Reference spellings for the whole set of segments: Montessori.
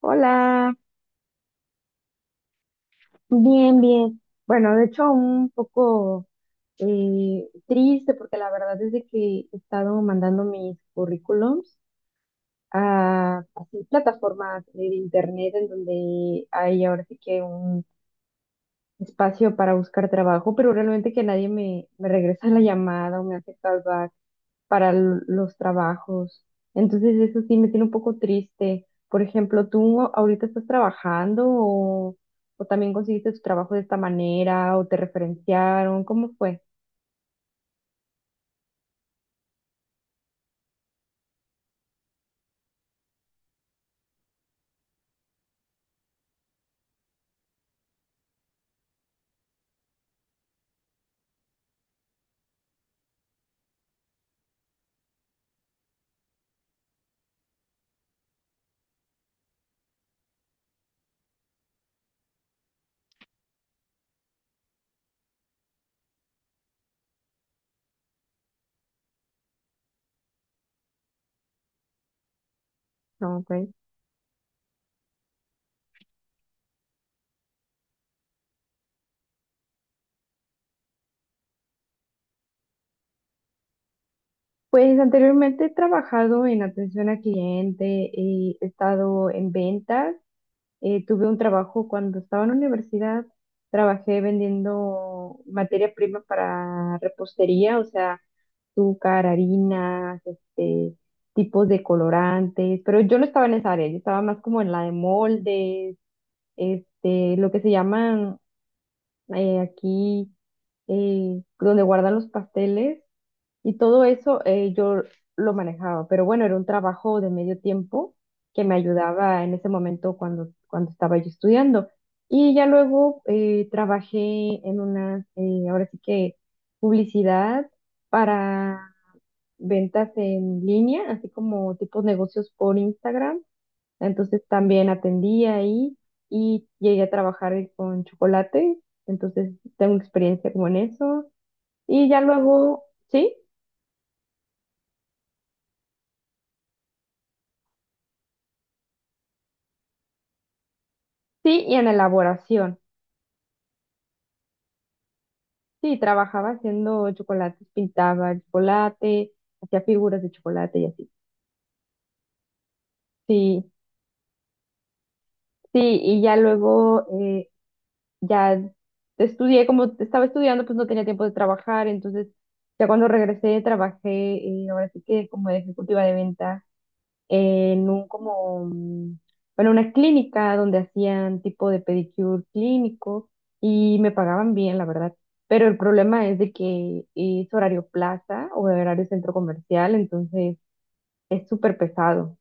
Hola, bien, bien. Bueno, de hecho, un poco triste porque la verdad es de que he estado mandando mis currículums a, así plataformas de internet en donde hay ahora sí que un espacio para buscar trabajo, pero realmente que nadie me regresa la llamada o me hace callback para los trabajos. Entonces eso sí me tiene un poco triste. Por ejemplo, ¿tú ahorita estás trabajando o también conseguiste tu trabajo de esta manera o te referenciaron? ¿Cómo fue? No, ok. Pues anteriormente he trabajado en atención a cliente, he estado en ventas. Tuve un trabajo cuando estaba en la universidad, trabajé vendiendo materia prima para repostería, o sea, azúcar, harinas, este, tipos de colorantes, pero yo no estaba en esa área, yo estaba más como en la de moldes, este, lo que se llaman aquí, donde guardan los pasteles, y todo eso yo lo manejaba, pero bueno, era un trabajo de medio tiempo que me ayudaba en ese momento cuando estaba yo estudiando. Y ya luego trabajé en una, ahora sí que publicidad para ventas en línea, así como tipos negocios por Instagram. Entonces también atendí ahí y llegué a trabajar con chocolate. Entonces tengo experiencia como en eso. Y ya luego, ¿sí? Sí, y en elaboración. Sí, trabajaba haciendo chocolates, pintaba el chocolate, hacía figuras de chocolate y así. Sí, sí, y ya luego ya estudié, como estaba estudiando, pues no tenía tiempo de trabajar, entonces ya cuando regresé trabajé, ahora sí que como ejecutiva de ventas en un como, bueno, una clínica donde hacían tipo de pedicure clínico y me pagaban bien, la verdad. Pero el problema es de que es horario plaza o horario centro comercial, entonces es súper pesado.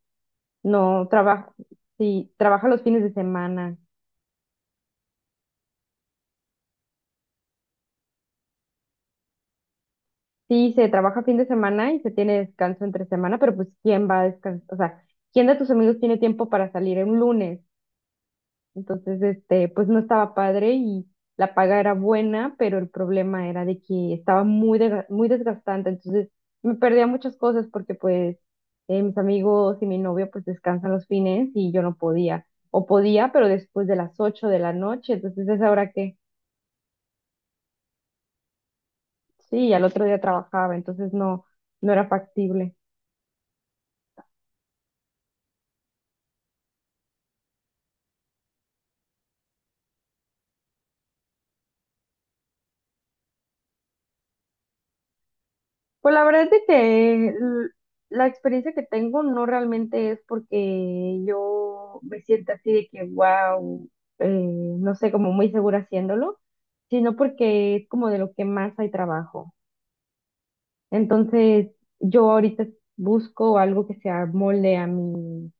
No trabaja, sí, trabaja los fines de semana. Sí, se trabaja fin de semana y se tiene descanso entre semana, pero pues ¿quién va a descansar? O sea, ¿quién de tus amigos tiene tiempo para salir un lunes? Entonces, este, pues no estaba padre y la paga era buena, pero el problema era de que estaba muy desgastante. Entonces, me perdía muchas cosas porque pues mis amigos y mi novio pues descansan los fines y yo no podía. O podía, pero después de las 8 de la noche. Entonces, es ahora que sí, al otro día trabajaba, entonces no, no era factible. Pues la verdad es de que la experiencia que tengo no realmente es porque yo me sienta así de que, wow, no sé, como muy segura haciéndolo, sino porque es como de lo que más hay trabajo. Entonces, yo ahorita busco algo que se amolde a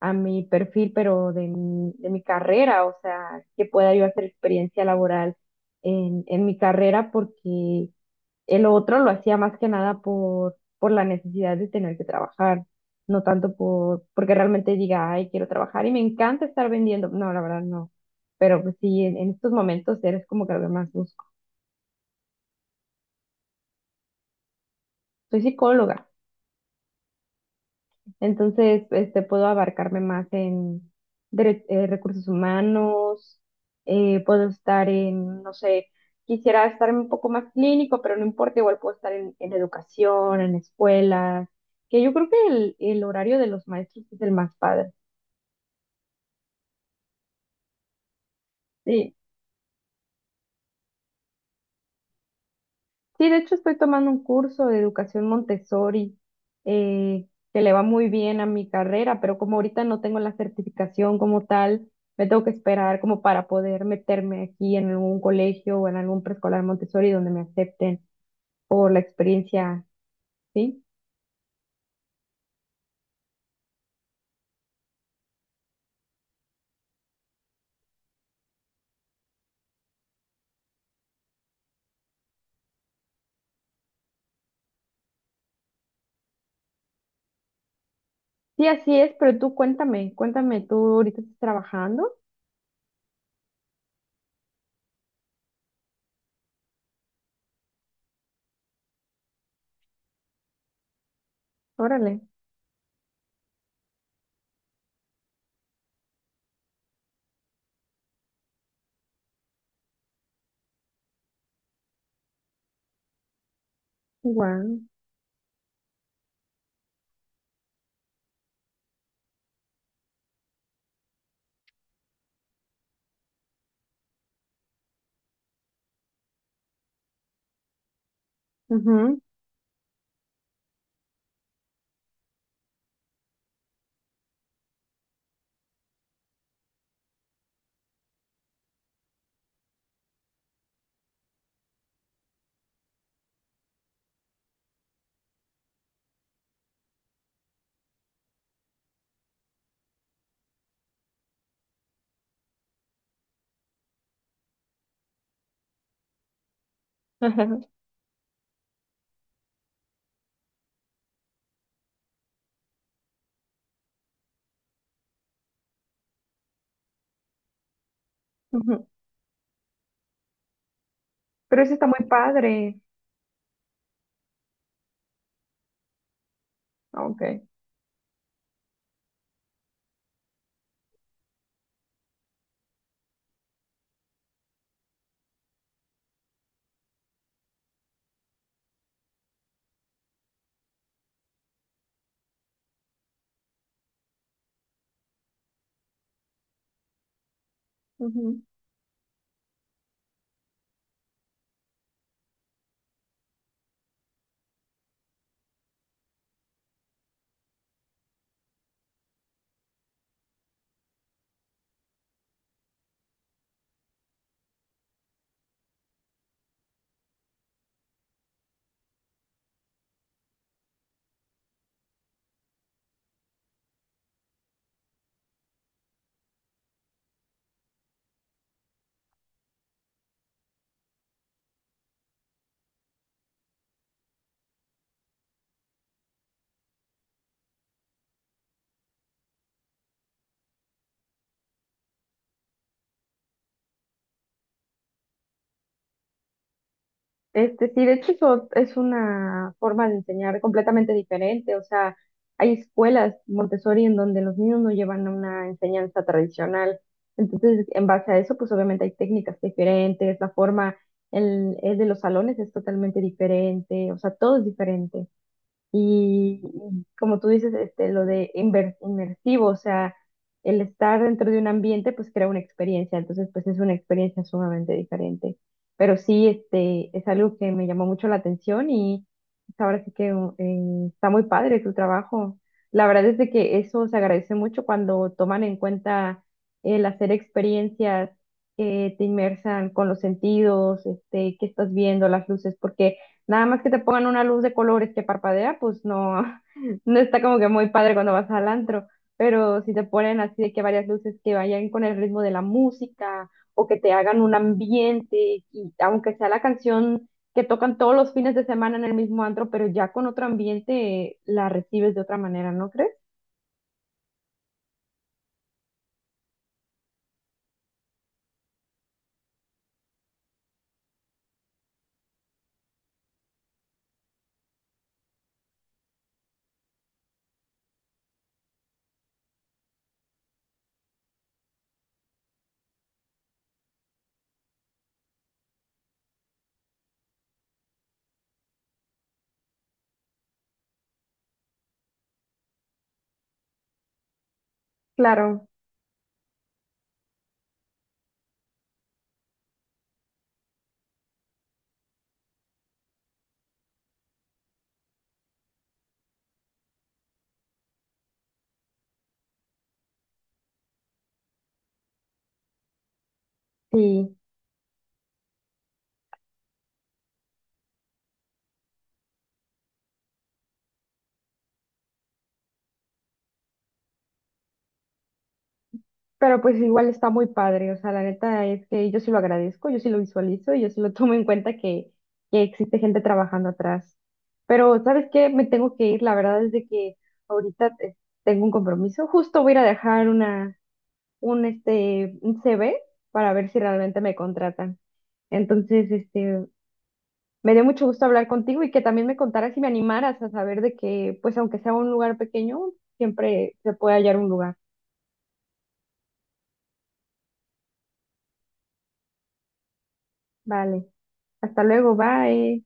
a mi perfil, pero de de mi carrera, o sea, que pueda yo hacer experiencia laboral en mi carrera, porque el otro lo hacía más que nada por la necesidad de tener que trabajar, no tanto por, porque realmente diga, ay, quiero trabajar y me encanta estar vendiendo. No, la verdad no. Pero pues sí, en estos momentos eres como que lo que más busco. Soy psicóloga. Entonces, este, puedo abarcarme más en recursos humanos, puedo estar en, no sé, quisiera estar un poco más clínico, pero no importa, igual puedo estar en educación, en escuelas, que yo creo que el horario de los maestros es el más padre. Sí. Sí, de hecho estoy tomando un curso de educación Montessori que le va muy bien a mi carrera, pero como ahorita no tengo la certificación como tal, me tengo que esperar como para poder meterme aquí en algún colegio o en algún preescolar Montessori donde me acepten por la experiencia, ¿sí? Sí, así es, pero tú cuéntame, cuéntame, ¿tú ahorita estás trabajando? Órale, igual. Ujú, ujú. Pero eso está muy padre. Ah, ok. Este, sí, de hecho eso es una forma de enseñar completamente diferente. O sea, hay escuelas Montessori en donde los niños no llevan una enseñanza tradicional. Entonces, en base a eso, pues obviamente hay técnicas diferentes, la forma el de los salones es totalmente diferente, o sea, todo es diferente. Y como tú dices, este, lo de inmersivo, o sea, el estar dentro de un ambiente, pues crea una experiencia, entonces, pues es una experiencia sumamente diferente. Pero sí, este, es algo que me llamó mucho la atención y pues, ahora sí que está muy padre tu trabajo. La verdad es de que eso se agradece mucho cuando toman en cuenta el hacer experiencias que te inmersan con los sentidos, este, qué estás viendo, las luces, porque nada más que te pongan una luz de colores que parpadea, pues no, no está como que muy padre cuando vas al antro. Pero si te ponen así de que varias luces que vayan con el ritmo de la música o que te hagan un ambiente, y aunque sea la canción que tocan todos los fines de semana en el mismo antro, pero ya con otro ambiente la recibes de otra manera, ¿no crees? Claro, sí. Pero pues igual está muy padre, o sea, la neta es que yo sí lo agradezco, yo sí lo visualizo y yo sí lo tomo en cuenta que existe gente trabajando atrás. Pero, ¿sabes qué? Me tengo que ir, la verdad es de que ahorita tengo un compromiso, justo voy a ir a dejar este, un CV para ver si realmente me contratan. Entonces, este, me dio mucho gusto hablar contigo y que también me contaras y me animaras a saber de que, pues aunque sea un lugar pequeño, siempre se puede hallar un lugar. Vale, hasta luego, bye.